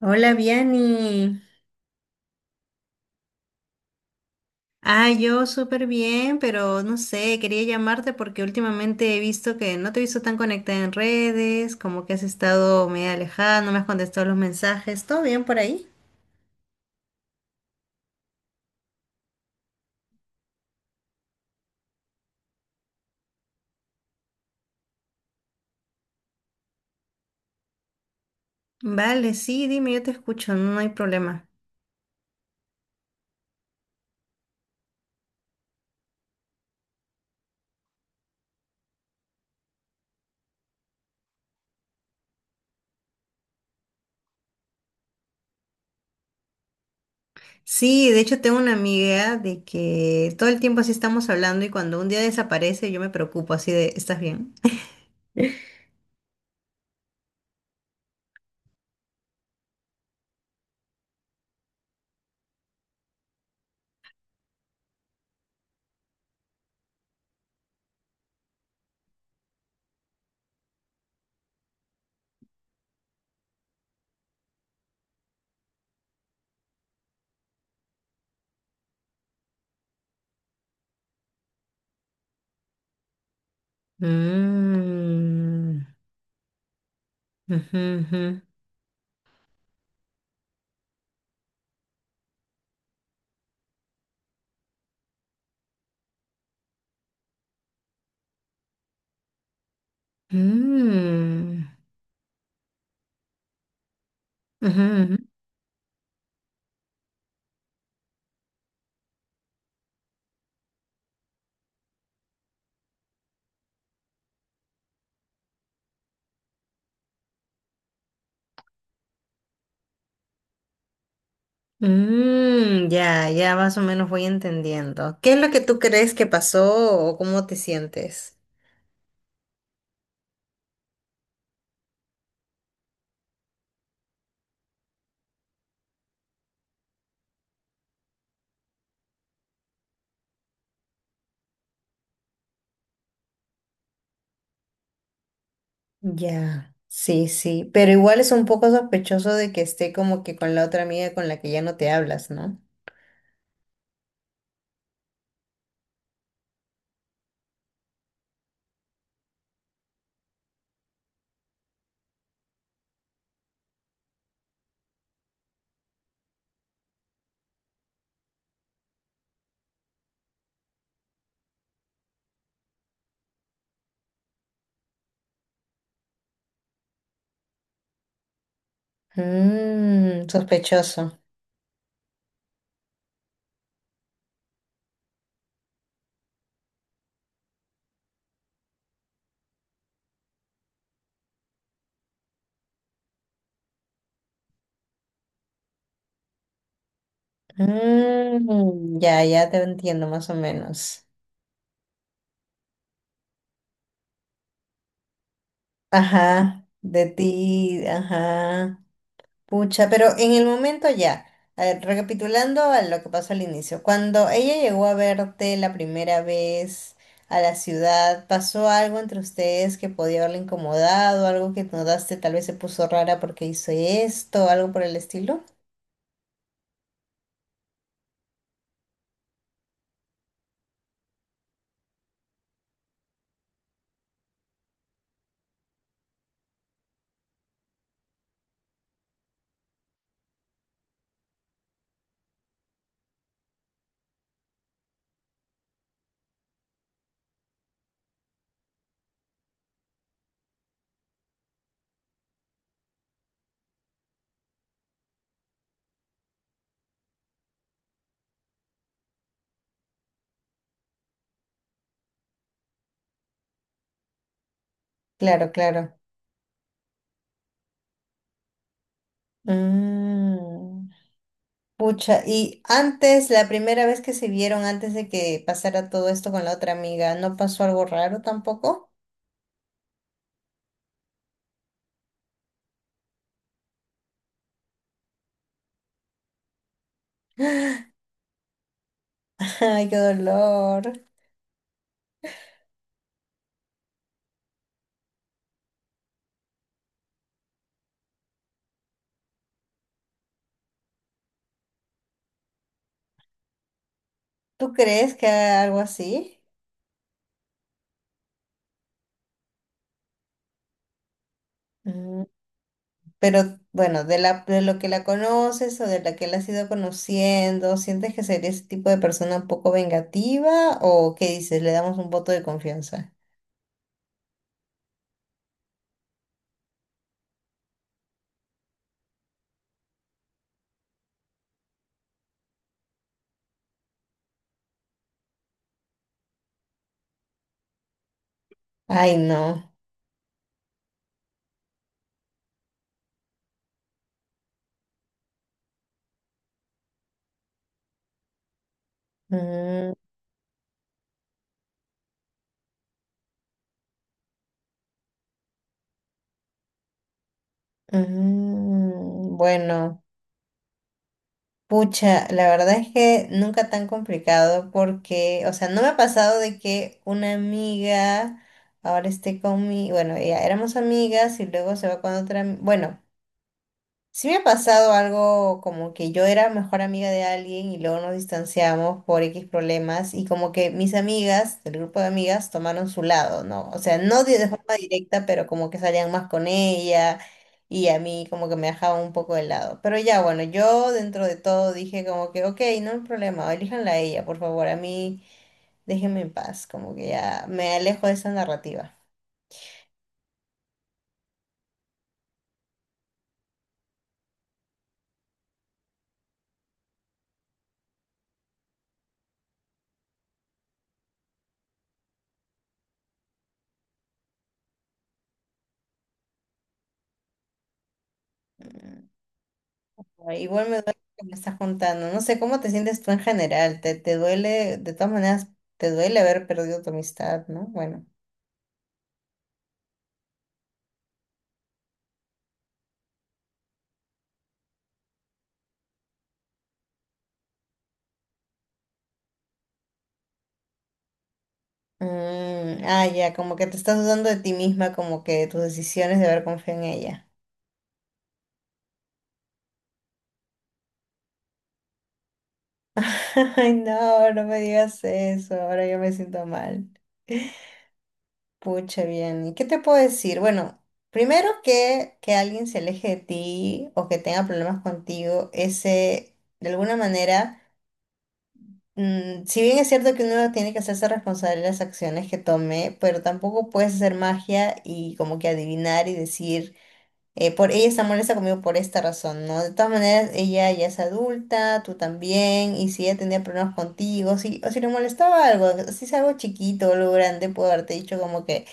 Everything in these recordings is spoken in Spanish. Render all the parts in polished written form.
Hola, Viani. Ah, yo súper bien, pero no sé, quería llamarte porque últimamente he visto que no te he visto tan conectada en redes, como que has estado medio alejada, no me has contestado los mensajes. ¿Todo bien por ahí? Vale, sí, dime, yo te escucho, no hay problema. Sí, de hecho tengo una amiga de que todo el tiempo así estamos hablando y cuando un día desaparece yo me preocupo así de, ¿estás bien? Mm, ujú, ujú. Mm, ujú, ujú. Mm, ya, ya más o menos voy entendiendo. ¿Qué es lo que tú crees que pasó o cómo te sientes? Ya, sí, sí, pero igual es un poco sospechoso de que esté como que con la otra amiga con la que ya no te hablas, ¿no? Mmm, sospechoso. Mmm, ya, ya te entiendo más o menos. Ajá, de ti, ajá. Pucha, pero en el momento ya, a ver, recapitulando a lo que pasó al inicio, cuando ella llegó a verte la primera vez a la ciudad, ¿pasó algo entre ustedes que podía haberle incomodado, algo que notaste tal vez se puso rara porque hizo esto, algo por el estilo? Claro, claro. Mm, pucha, y antes, la primera vez que se vieron, antes de que pasara todo esto con la otra amiga, ¿no pasó algo raro tampoco? Ay, qué dolor. ¿Tú crees que haga algo así? Mm, pero bueno, de la, de lo que la conoces o de la que la has ido conociendo, ¿sientes que sería ese tipo de persona un poco vengativa o qué dices? Le damos un voto de confianza. Ay, no. Mm, mm, bueno, pucha, la verdad es que nunca tan complicado porque, o sea, no me ha pasado de que una amiga ahora esté conmigo, bueno, ya éramos amigas y luego se va con otra, bueno. Sí me ha pasado algo como que yo era mejor amiga de alguien y luego nos distanciamos por X problemas y como que mis amigas, el grupo de amigas, tomaron su lado, ¿no? O sea, no de forma directa, pero como que salían más con ella y a mí como que me dejaban un poco de lado. Pero ya, bueno, yo dentro de todo dije como que, ok, no hay problema, elíjanla a ella, por favor, a mí déjenme en paz, como que ya me alejo de esa narrativa. Mm. Ay, igual me duele que me estás contando. No sé cómo te sientes tú en general. Te duele, de todas maneras, te duele haber perdido tu amistad, ¿no? Bueno. Mm, ah, ya, como que te estás dudando de ti misma, como que de tus decisiones de haber confiado en ella. Ay, no, no me digas eso. Ahora yo me siento mal. Pucha, bien. ¿Y qué te puedo decir? Bueno, primero que alguien se aleje de ti o que tenga problemas contigo, ese, de alguna manera. Mm, si bien es cierto que uno tiene que hacerse responsable de las acciones que tome, pero tampoco puedes hacer magia y como que adivinar y decir, por ella está molesta conmigo por esta razón, ¿no? De todas maneras, ella ya es adulta, tú también, y si ella tenía problemas contigo, si, o si le molestaba algo, si es algo chiquito o algo grande, puedo haberte dicho como que...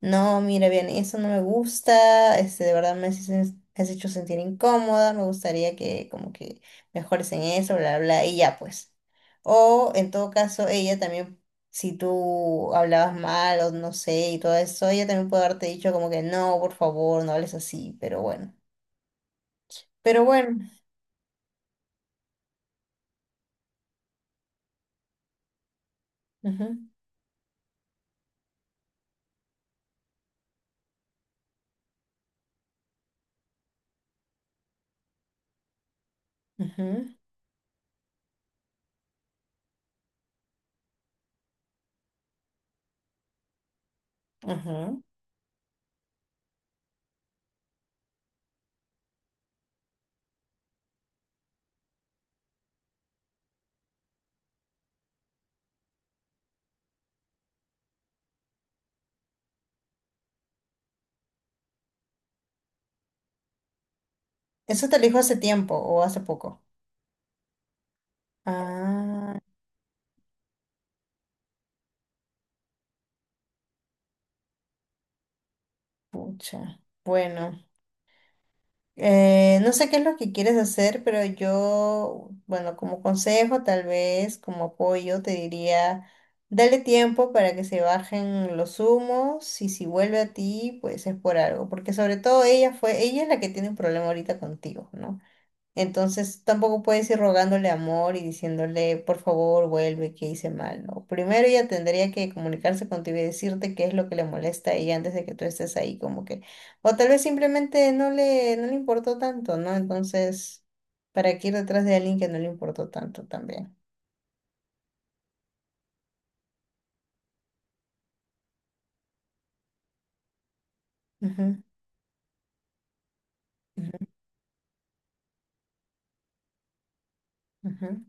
No, mira, bien, eso no me gusta, este, de verdad me has hecho sentir incómoda, me gustaría que como que mejores en eso, bla, bla, y ya pues. O en todo caso, ella también, si tú hablabas mal o no sé, y todo eso, ella también puede haberte dicho como que no, por favor, no hables así, pero bueno. Pero bueno, ujú, ujú, ujú. ¿Eso te lo dijo hace tiempo o hace poco? Ah, pucha. Bueno. No sé qué es lo que quieres hacer, pero yo, bueno, como consejo, tal vez como apoyo, te diría, dale tiempo para que se bajen los humos y si vuelve a ti, pues es por algo, porque sobre todo ella fue, ella es la que tiene un problema ahorita contigo, ¿no? Entonces tampoco puedes ir rogándole amor y diciéndole, por favor, vuelve, que hice mal, ¿no? Primero ella tendría que comunicarse contigo y decirte qué es lo que le molesta a ella antes de que tú estés ahí, como que, o tal vez simplemente no le importó tanto, ¿no? Entonces, ¿para qué ir detrás de alguien que no le importó tanto también? Ujú, ujú, ujú.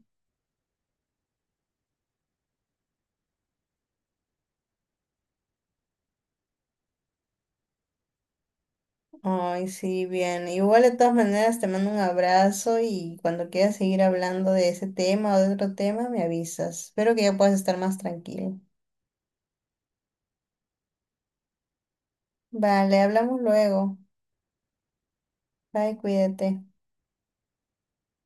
Ay, sí, bien. Igual de todas maneras te mando un abrazo y cuando quieras seguir hablando de ese tema o de otro tema, me avisas. Espero que ya puedas estar más tranquilo. Vale, hablamos luego. Bye, cuídate.